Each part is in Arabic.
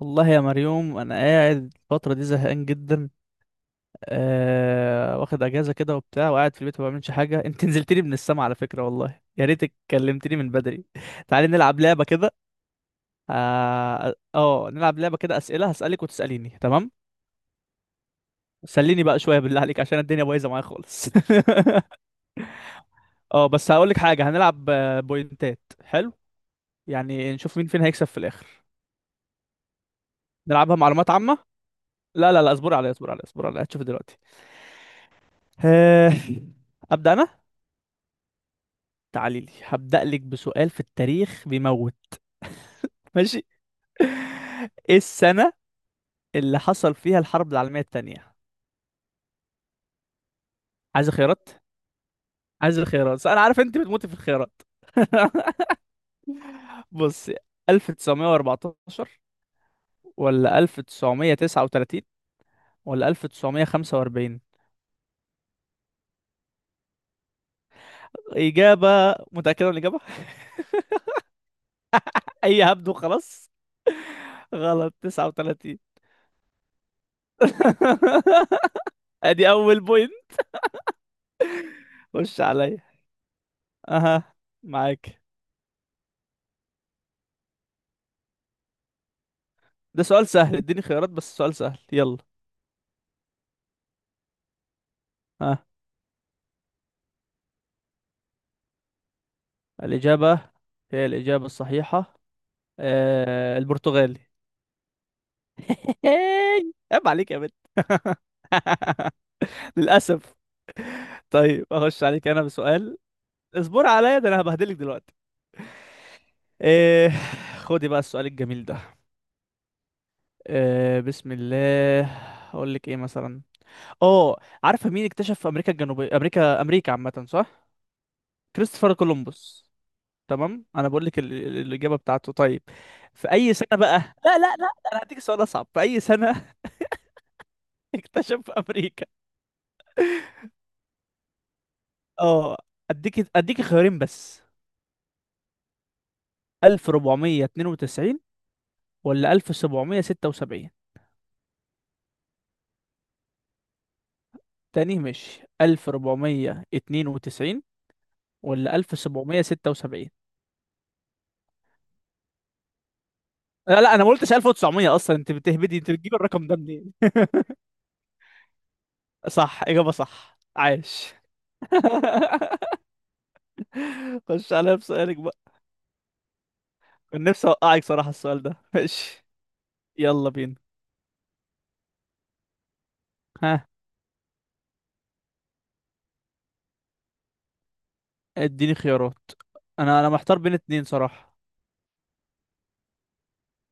والله يا مريوم، انا قاعد الفتره دي زهقان جدا. واخد اجازه كده وبتاع وقاعد في البيت ما بعملش حاجه. انت نزلتلي من السما على فكره، والله يا ريتك كلمتني من بدري. تعالي نلعب لعبه كده. اه. نلعب لعبه كده، اسئله هسالك وتساليني، تمام. سليني بقى شويه بالله عليك، عشان الدنيا بايظه معايا خالص. اه بس هقولك حاجه، هنلعب بوينتات، حلو؟ يعني نشوف مين فينا هيكسب في الاخر. نلعبها معلومات عامه. لا لا لا، اصبر عليا اصبر عليا اصبر عليا هتشوف دلوقتي. آه، ابدا انا. تعالي لي، هبدأ لك بسؤال في التاريخ بيموت. ماشي. ايه السنة اللي حصل فيها الحرب العالمية التانية؟ عايز خيارات؟ عايز الخيارات، انا عارف انت بتموتي في الخيارات. بصي، 1914 ولا 1939 ولا 1945؟ إجابة؟ متأكدة من الإجابة؟ أي هبد وخلاص. غلط، 39. أدي أول بوينت. خش عليا. أها، معاك. ده سؤال سهل، اديني خيارات بس، سؤال سهل، يلا. ها. الإجابة، هي الإجابة الصحيحة. آه، البرتغالي. عيب عليك يا بنت. للأسف. طيب أخش عليك أنا بسؤال. اصبر عليا، ده أنا هبهدلك دلوقتي. آه. خدي بقى السؤال الجميل ده. آه، بسم الله. أقول لك إيه مثلا؟ أه، عارفة مين اكتشف أمريكا الجنوبية؟ أمريكا، أمريكا عامة، صح؟ كريستوفر كولومبوس. تمام، انا بقول لك الاجابه بتاعته، طيب. في اي سنه بقى، لا لا لا، انا هديك سؤال اصعب، في اي سنه اكتشف امريكا؟ اه، اديك خيارين بس، 1492 ولا 1776؟ تاني، ماشي، 1492 ولا 1776؟ لا لا، انا ما قلتش 1900 اصلا، انت بتهبدي، انت بتجيب الرقم ده منين؟ صح، اجابه صح، عاش. خش عليا بسؤالك بقى. كان نفسي اوقعك صراحه، السؤال ده ماشي. يلا بينا. ها. اديني خيارات، انا محتار بين اتنين صراحة.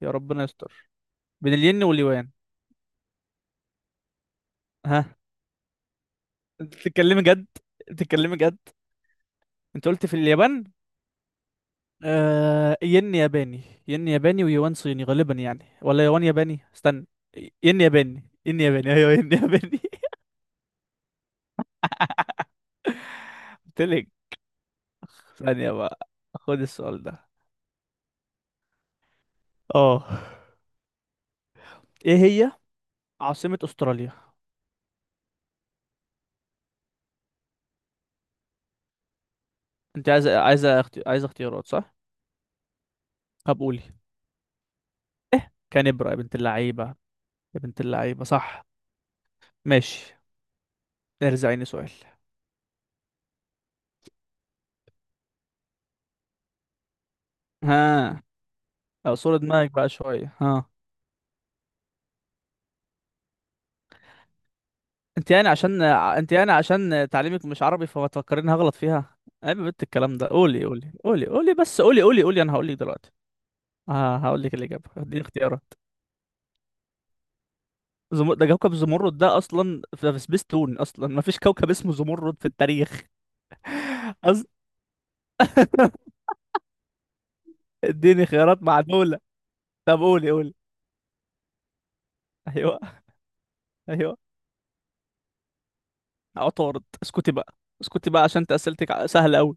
يا ربنا يستر، بين الين واليوان. ها. انت بتتكلمي جد؟ بتتكلمي جد؟ انت قلت في اليابان؟ ين ياباني. ين ياباني ويوان صيني غالبا يعني، ولا يوان ياباني؟ استنى. ين ياباني، ين ياباني، ايوه ين ياباني. قلت لك. ثانية بقى، خد السؤال ده. اه. ايه هي عاصمة استراليا؟ انت عايزه عايزه عايزه اختيارات صح؟ هبقولي. كانبرا يا بنت اللعيبة. يا بنت اللعيبة، صح. ماشي. ارزعيني سؤال. ها. اعصر دماغك بقى شوية، ها. انت يعني عشان تعليمك مش عربي فما تفكريني هغلط فيها. عيب يا بنت، الكلام ده، قولي قولي قولي قولي، بس قولي قولي قولي، انا هقول لك دلوقتي. ها، هقول لك الإجابة، اديني اختيارات. ده كوكب زمرد؟ ده اصلا في سبيس تون، اصلا ما فيش كوكب اسمه زمرد في التاريخ. أص... اديني خيارات معدولة. طب قولي قولي. ايوه، ايوه، عطارد؟ اسكتي بقى، اسكتي بقى، عشان انت اسئلتك سهلة قوي.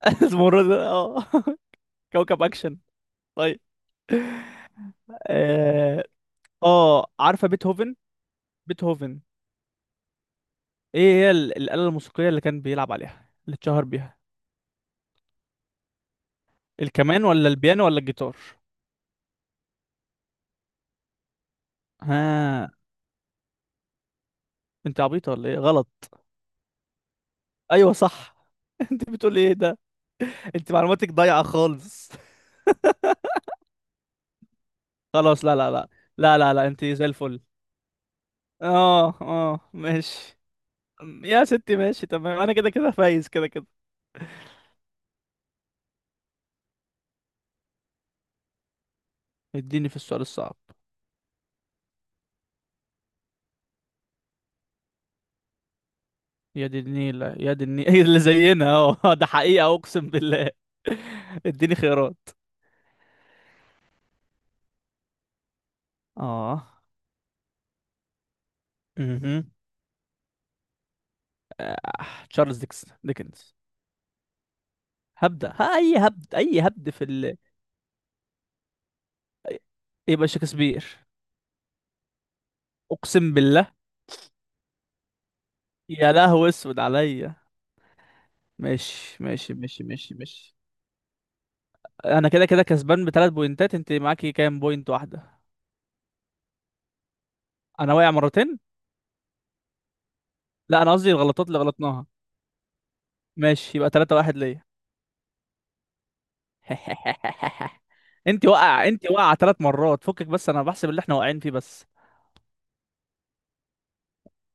المرة دي اه، كوكب اكشن. طيب. اه. عارفه بيتهوفن؟ بيتهوفن؟ ايه هي الاله الموسيقيه اللي كان بيلعب عليها اللي اتشهر بيها؟ الكمان ولا البيانو ولا الجيتار؟ ها. انت عبيطه ولا ايه؟ غلط. ايوه صح. انت بتقول ايه ده، انت معلوماتك ضايعه خالص. خلاص، لا لا لا، لا لا لا، انت زي الفل. اه اه ماشي. يا ستي ماشي، تمام، انا كده كده فايز كده كده. اديني في السؤال الصعب. يا دي النيلة، يا دي النيلة، هي اللي زينا اهو، ده حقيقة اقسم بالله. اديني خيارات. اه. مهم. آه. تشارلز ديكنز. هبدأ ها، اي هبد، اي هبد في يبقى شكسبير. اقسم بالله. يا لهو اسود عليا. ماشي ماشي ماشي ماشي ماشي. انا كده كده كسبان بثلاث بوينتات، انت معاكي كام بوينت؟ واحدة. انا واقع مرتين. لا، انا قصدي الغلطات اللي غلطناها. ماشي، يبقى 3 واحد ليا. انت واقع، انت واقع ثلاث مرات فكك، بس انا بحسب اللي احنا واقعين فيه بس.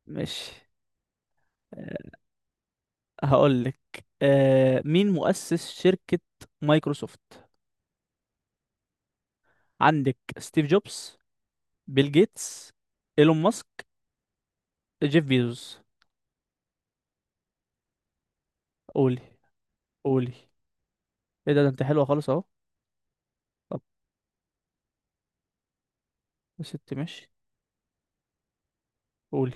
مش هقول لك. مين مؤسس شركة مايكروسوفت؟ عندك ستيف جوبز، بيل جيتس، ايلون ماسك، جيف بيزوس. قولي. قولي. ايه ده، ده انت حلوة خالص اهو. طب. يا ستي ماشي. قولي.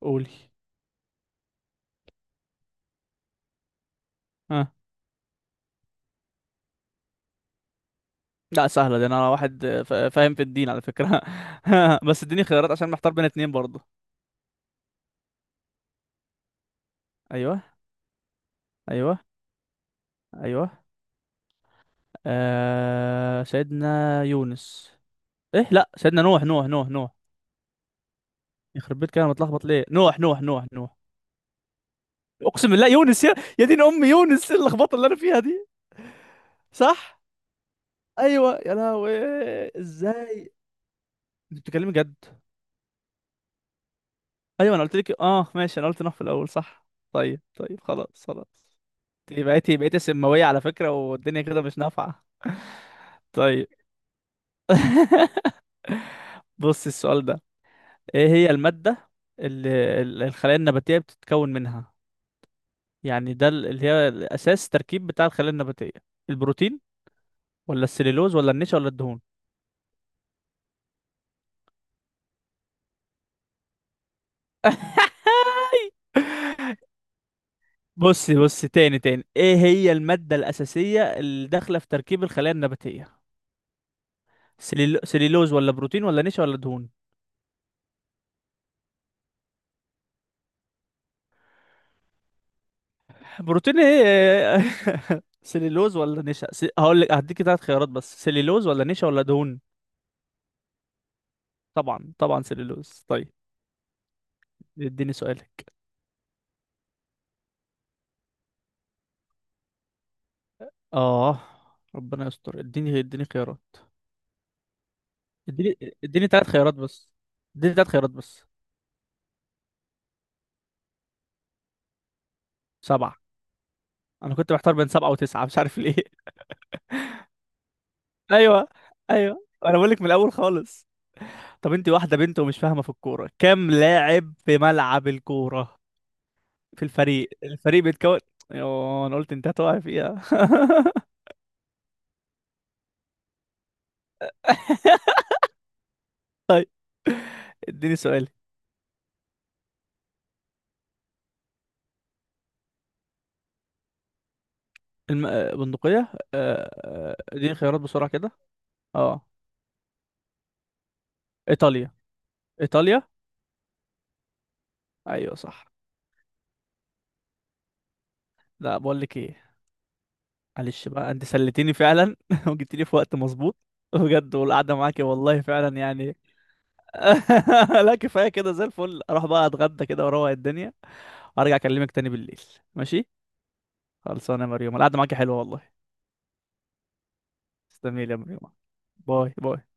قولي. ها. لا سهلة دي، انا واحد فاهم في الدين على فكرة. بس اديني خيارات عشان محتار بين اتنين برضه. ايوه. ايوه. ايوه. آه، سيدنا يونس. ايه، لا، سيدنا نوح، نوح نوح نوح. يخرب بيت كده، انا متلخبط ليه؟ نوح نوح نوح نوح. اقسم بالله يونس، يا يا دين امي، يونس. إيه اللخبطه اللي انا فيها دي. صح. ايوه يا لهوي. ازاي؟ انت بتتكلمي جد؟ ايوه انا قلت لك، اه ماشي، انا قلت نوح في الاول، صح. طيب طيب، خلاص خلاص. انت بقيتي بقيتي سماويه على فكره، والدنيا كده مش نافعه. طيب، بص السؤال ده. ايه هي الماده اللي الخلايا النباتيه بتتكون منها؟ يعني ده اللي هي الاساس تركيب بتاع الخلايا النباتيه. البروتين ولا السليلوز ولا النشا ولا الدهون؟ بصي بصي، تاني تاني، ايه هي الماده الاساسيه اللي داخله في تركيب الخلايا النباتيه؟ سليلوز ولا بروتين ولا نشا ولا دهون؟ بروتين ايه؟ سليلوز ولا نشا، هقول لك، هديكي ثلاث خيارات بس، سليلوز ولا نشا ولا دهون؟ طبعا طبعا سليلوز، طيب. اديني سؤالك. اه. ربنا يستر، اديني اديني خيارات. اديني اديني ثلاث خيارات بس. اديني ثلاث خيارات بس. سبعة. انا كنت محتار بين سبعة وتسعة، مش عارف ليه. ايوه. ايوه، انا بقول لك من الاول خالص. طب، انت واحدة بنت ومش فاهمة في الكورة، كام لاعب في ملعب الكورة، في الفريق، الفريق بيتكون؟ يوه، انا قلت انت هتقع فيها. اديني سؤال. الم... آه، بندقية، اديني خيارات بسرعة كده. اه. ايطاليا، ايطاليا. ايوه صح. لا، بقول لك ايه، معلش بقى، انت سلتني فعلا، وجبتني في وقت مظبوط، بجد، والقعده معاكي والله فعلا يعني. لا كفايه كده، زي الفل، اروح بقى اتغدى كده واروق الدنيا، وارجع اكلمك تاني بالليل. ماشي. خلصانه يا مريوم، القعده معاكي حلوه والله. تسلمي لي يا مريوم. باي باي.